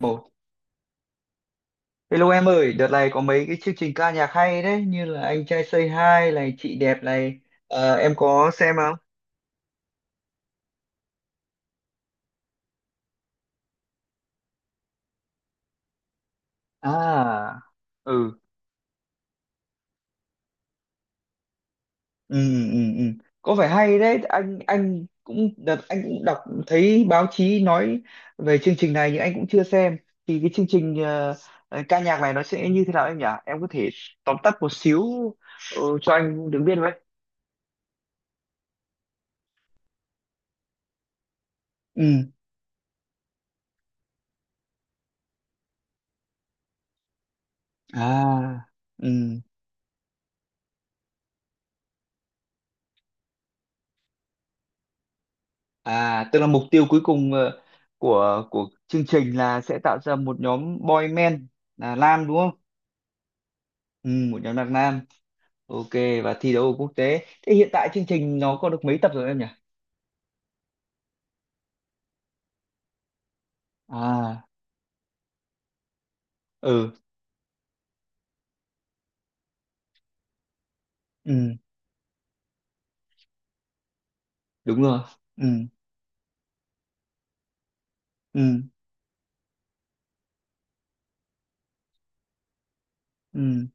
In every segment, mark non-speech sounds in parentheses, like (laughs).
Một. Hello em ơi, đợt này có mấy cái chương trình ca nhạc hay đấy, như là Anh trai Say Hi này, Chị đẹp này. Em có xem không? À, ừ, ừ, ừ, ừ. Có vẻ hay đấy, anh cũng đợt anh cũng đọc thấy báo chí nói về chương trình này nhưng anh cũng chưa xem. Thì cái chương trình ca nhạc này nó sẽ như thế nào em nhỉ? Em có thể tóm tắt một xíu cho anh được biết với. Ừ. À. Ừ. À, tức là mục tiêu cuối cùng của chương trình là sẽ tạo ra một nhóm boy men là nam đúng không? Ừ, một nhóm là nam. Ok và thi đấu ở quốc tế. Thế hiện tại chương trình nó có được mấy tập rồi em nhỉ? À, ừ, ừ, đúng rồi. Ừ, ừ, ừ,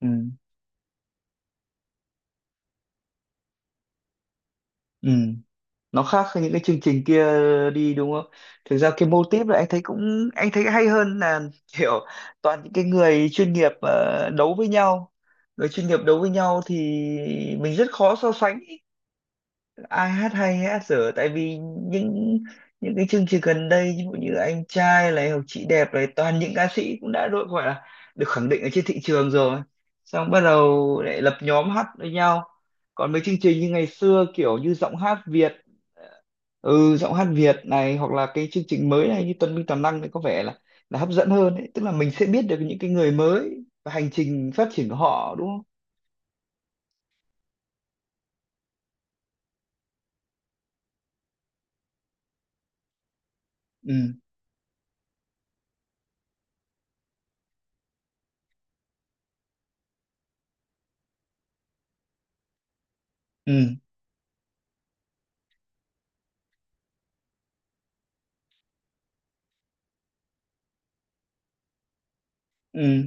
ừ, ừ. Ừ. Nó khác với những cái chương trình kia đi đúng không, thực ra cái mô típ là anh thấy cũng anh thấy hay hơn là (laughs) kiểu toàn những cái người chuyên nghiệp đấu với nhau. Người chuyên nghiệp đấu với nhau thì mình rất khó so sánh ý. Ai hát hay ai hát dở tại vì những những cái chương trình gần đây ví dụ như anh trai này hoặc chị đẹp này toàn những ca sĩ cũng đã đội gọi là được khẳng định ở trên thị trường rồi, xong bắt đầu lại lập nhóm hát với nhau. Còn mấy chương trình như ngày xưa kiểu như giọng hát Việt này hoặc là cái chương trình mới này như Tuần Minh Toàn Năng thì có vẻ là hấp dẫn hơn ấy. Tức là mình sẽ biết được những cái người mới và hành trình phát triển của họ đúng không? Ừ, ừ, ừ,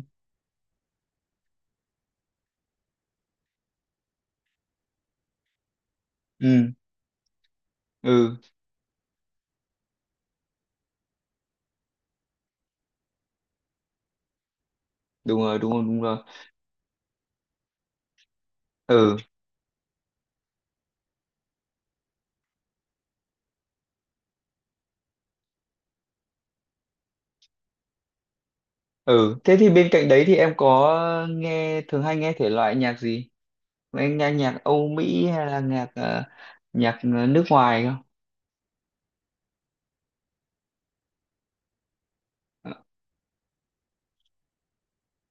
ừ, ừ, đúng rồi, đúng rồi, đúng rồi, ừ, ừ. Thế thì bên cạnh đấy thì em có nghe thường hay nghe thể loại nhạc gì? Em nghe nhạc Âu Mỹ hay là nhạc nước ngoài không? Ờ,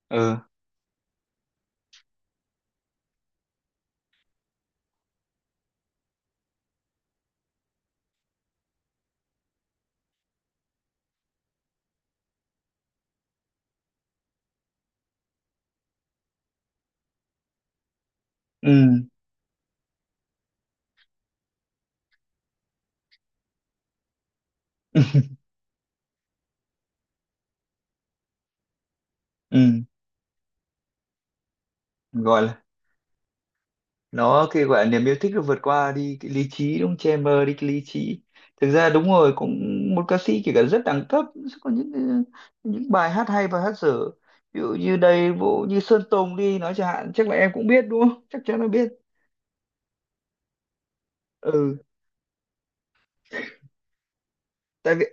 Ừ, ừ. (laughs) Ừ, gọi là nó cái gọi là niềm yêu thích nó vượt qua đi cái lý trí đúng không? Che mờ đi cái lý trí. Thực ra đúng rồi, cũng một ca sĩ kể cả rất đẳng cấp sẽ có những bài hát hay và hát dở, ví dụ như đây vụ như Sơn Tùng đi nói chẳng hạn, chắc là em cũng biết đúng không, chắc chắn là biết. Ừ, tại vì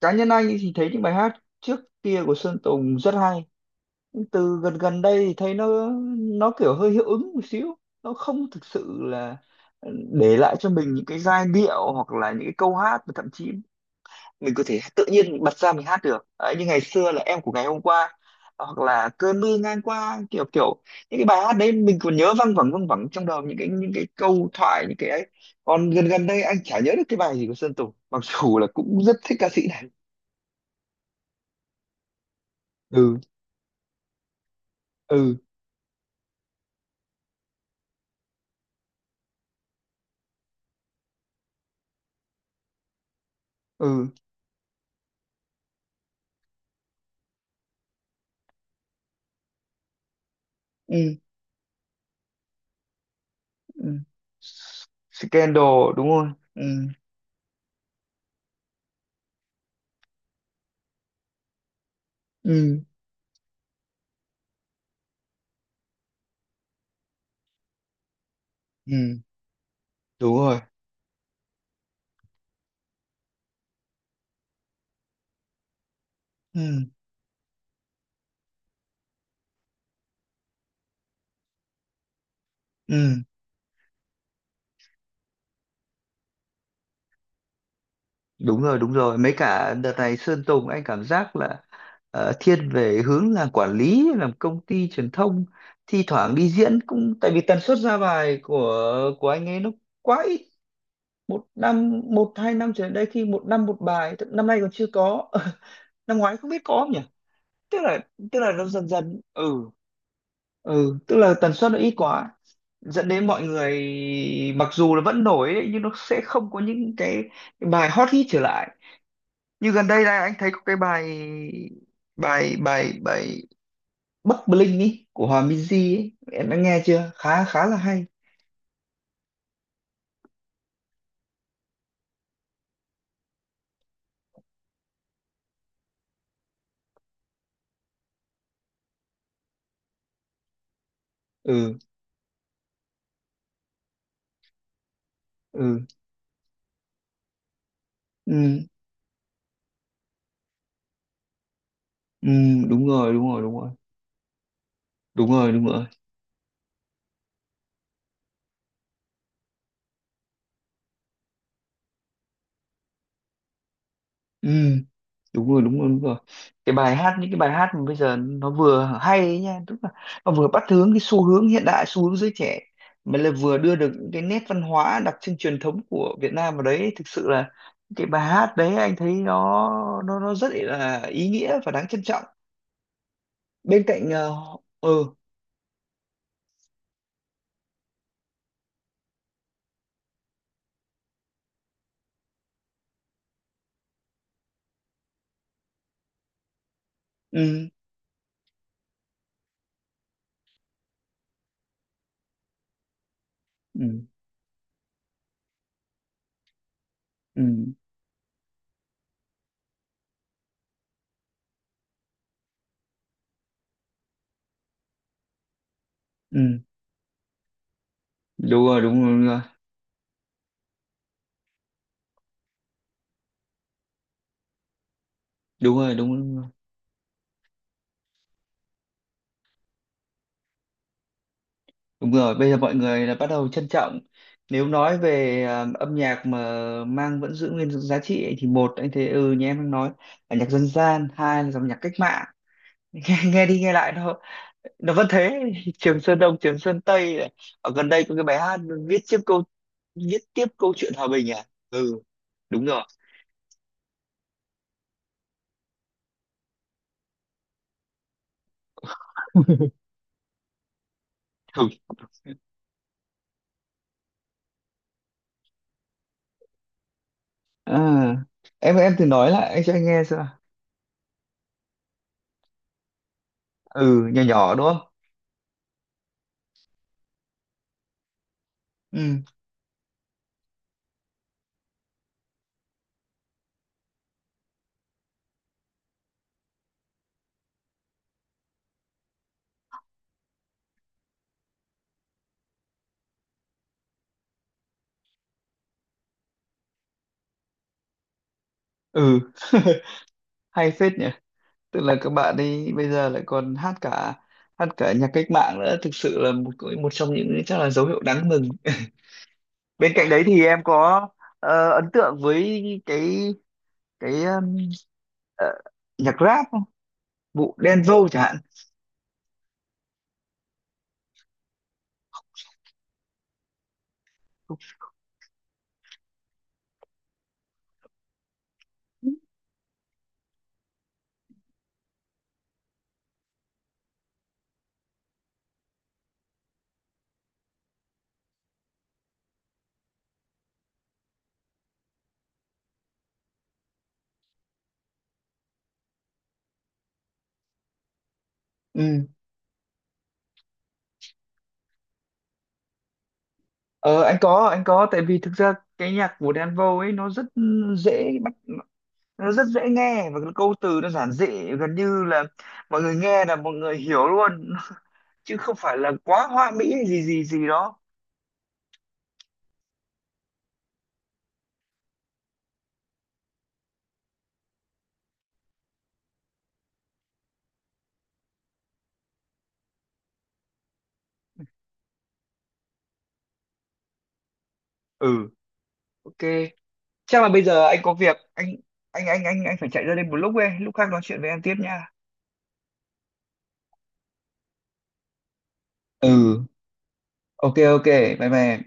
cá nhân anh ấy thì thấy những bài hát trước kia của Sơn Tùng rất hay. Nhưng từ gần gần đây thì thấy nó kiểu hơi hiệu ứng một xíu, nó không thực sự là để lại cho mình những cái giai điệu hoặc là những cái câu hát mà thậm chí mình có thể tự nhiên bật ra mình hát được. Đấy, như ngày xưa là em của ngày hôm qua hoặc là cơn mưa ngang qua, kiểu kiểu những cái bài hát đấy mình còn nhớ văng vẳng trong đầu, những cái câu thoại những cái ấy. Còn gần gần đây anh chả nhớ được cái bài gì của Sơn Tùng mặc dù là cũng rất thích ca sĩ này. Ừ, ừ, ừ, ừ, ừ. Scandal đúng không? Ừ, ừ, ừ, đúng rồi, ừ, ừ, đúng rồi, đúng rồi, mấy cả đợt này Sơn Tùng anh cảm giác là thiên về hướng làm quản lý làm công ty truyền thông, thi thoảng đi diễn cũng tại vì tần suất ra bài của anh ấy nó quá ít. Một năm một hai năm trở lại đây khi một năm một bài năm nay còn chưa có. (laughs) Năm ngoái không biết có không nhỉ, tức là tức là nó dần dần. Ừ, ừ, tức là tần suất nó ít quá, dẫn đến mọi người mặc dù là vẫn nổi đấy, nhưng nó sẽ không có những cái bài hot hit trở lại, như gần đây này anh thấy có cái bài bài bài bài Bắc Bling ý của Hòa Minzy ấy em đã nghe chưa, khá khá là hay. Ừ, ừ, ừ, ừ, đúng rồi, đúng rồi, đúng rồi, đúng rồi, đúng rồi, ừ, đúng rồi, đúng rồi, đúng rồi. Cái bài hát những cái bài hát mà bây giờ nó vừa hay ấy nha, tức là nó vừa bắt hướng cái xu hướng hiện đại xu hướng giới trẻ mà lại vừa đưa được những cái nét văn hóa đặc trưng truyền thống của Việt Nam vào đấy, thực sự là cái bài hát đấy anh thấy nó rất là ý nghĩa và đáng trân trọng bên cạnh ừ, ừ, ừ, ừ, ừ, đúng rồi, đúng rồi, đúng rồi, đúng rồi, đúng rồi. Đúng rồi, bây giờ mọi người là bắt đầu trân trọng. Nếu nói về âm nhạc mà mang vẫn giữ nguyên giá trị ấy, thì một anh thấy như em đang nói là nhạc dân gian, hai là dòng nhạc cách mạng. (laughs) Nghe đi nghe lại nó vẫn thế. (laughs) Trường Sơn Đông, Trường Sơn Tây này. Ở gần đây có cái bài hát viết tiếp câu viết tiếp câu chuyện hòa bình à? Ừ, đúng rồi. (laughs) Ừ. À, em thử nói lại anh cho anh nghe xem nào. Ừ, nhỏ nhỏ đúng không? Ừ, ừ. (laughs) Hay phết nhỉ. Tức là các bạn ấy bây giờ lại còn hát cả nhạc cách mạng nữa, thực sự là một một trong những chắc là dấu hiệu đáng mừng. (laughs) Bên cạnh đấy thì em có ấn tượng với cái cái ờ, nhạc rap không, vụ Đen Vâu chẳng hạn. Ừ. anh có tại vì thực ra cái nhạc của Đen Vâu ấy nó rất dễ bắt, nó rất dễ nghe và cái câu từ nó giản dị, gần như là mọi người nghe là mọi người hiểu luôn. (laughs) Chứ không phải là quá hoa mỹ hay gì gì gì đó. Ừ, ok. Chắc là bây giờ anh có việc, anh phải chạy ra đây một lúc ấy, lúc khác nói chuyện với em tiếp nha. Ừ, ok, ok, bye bye em.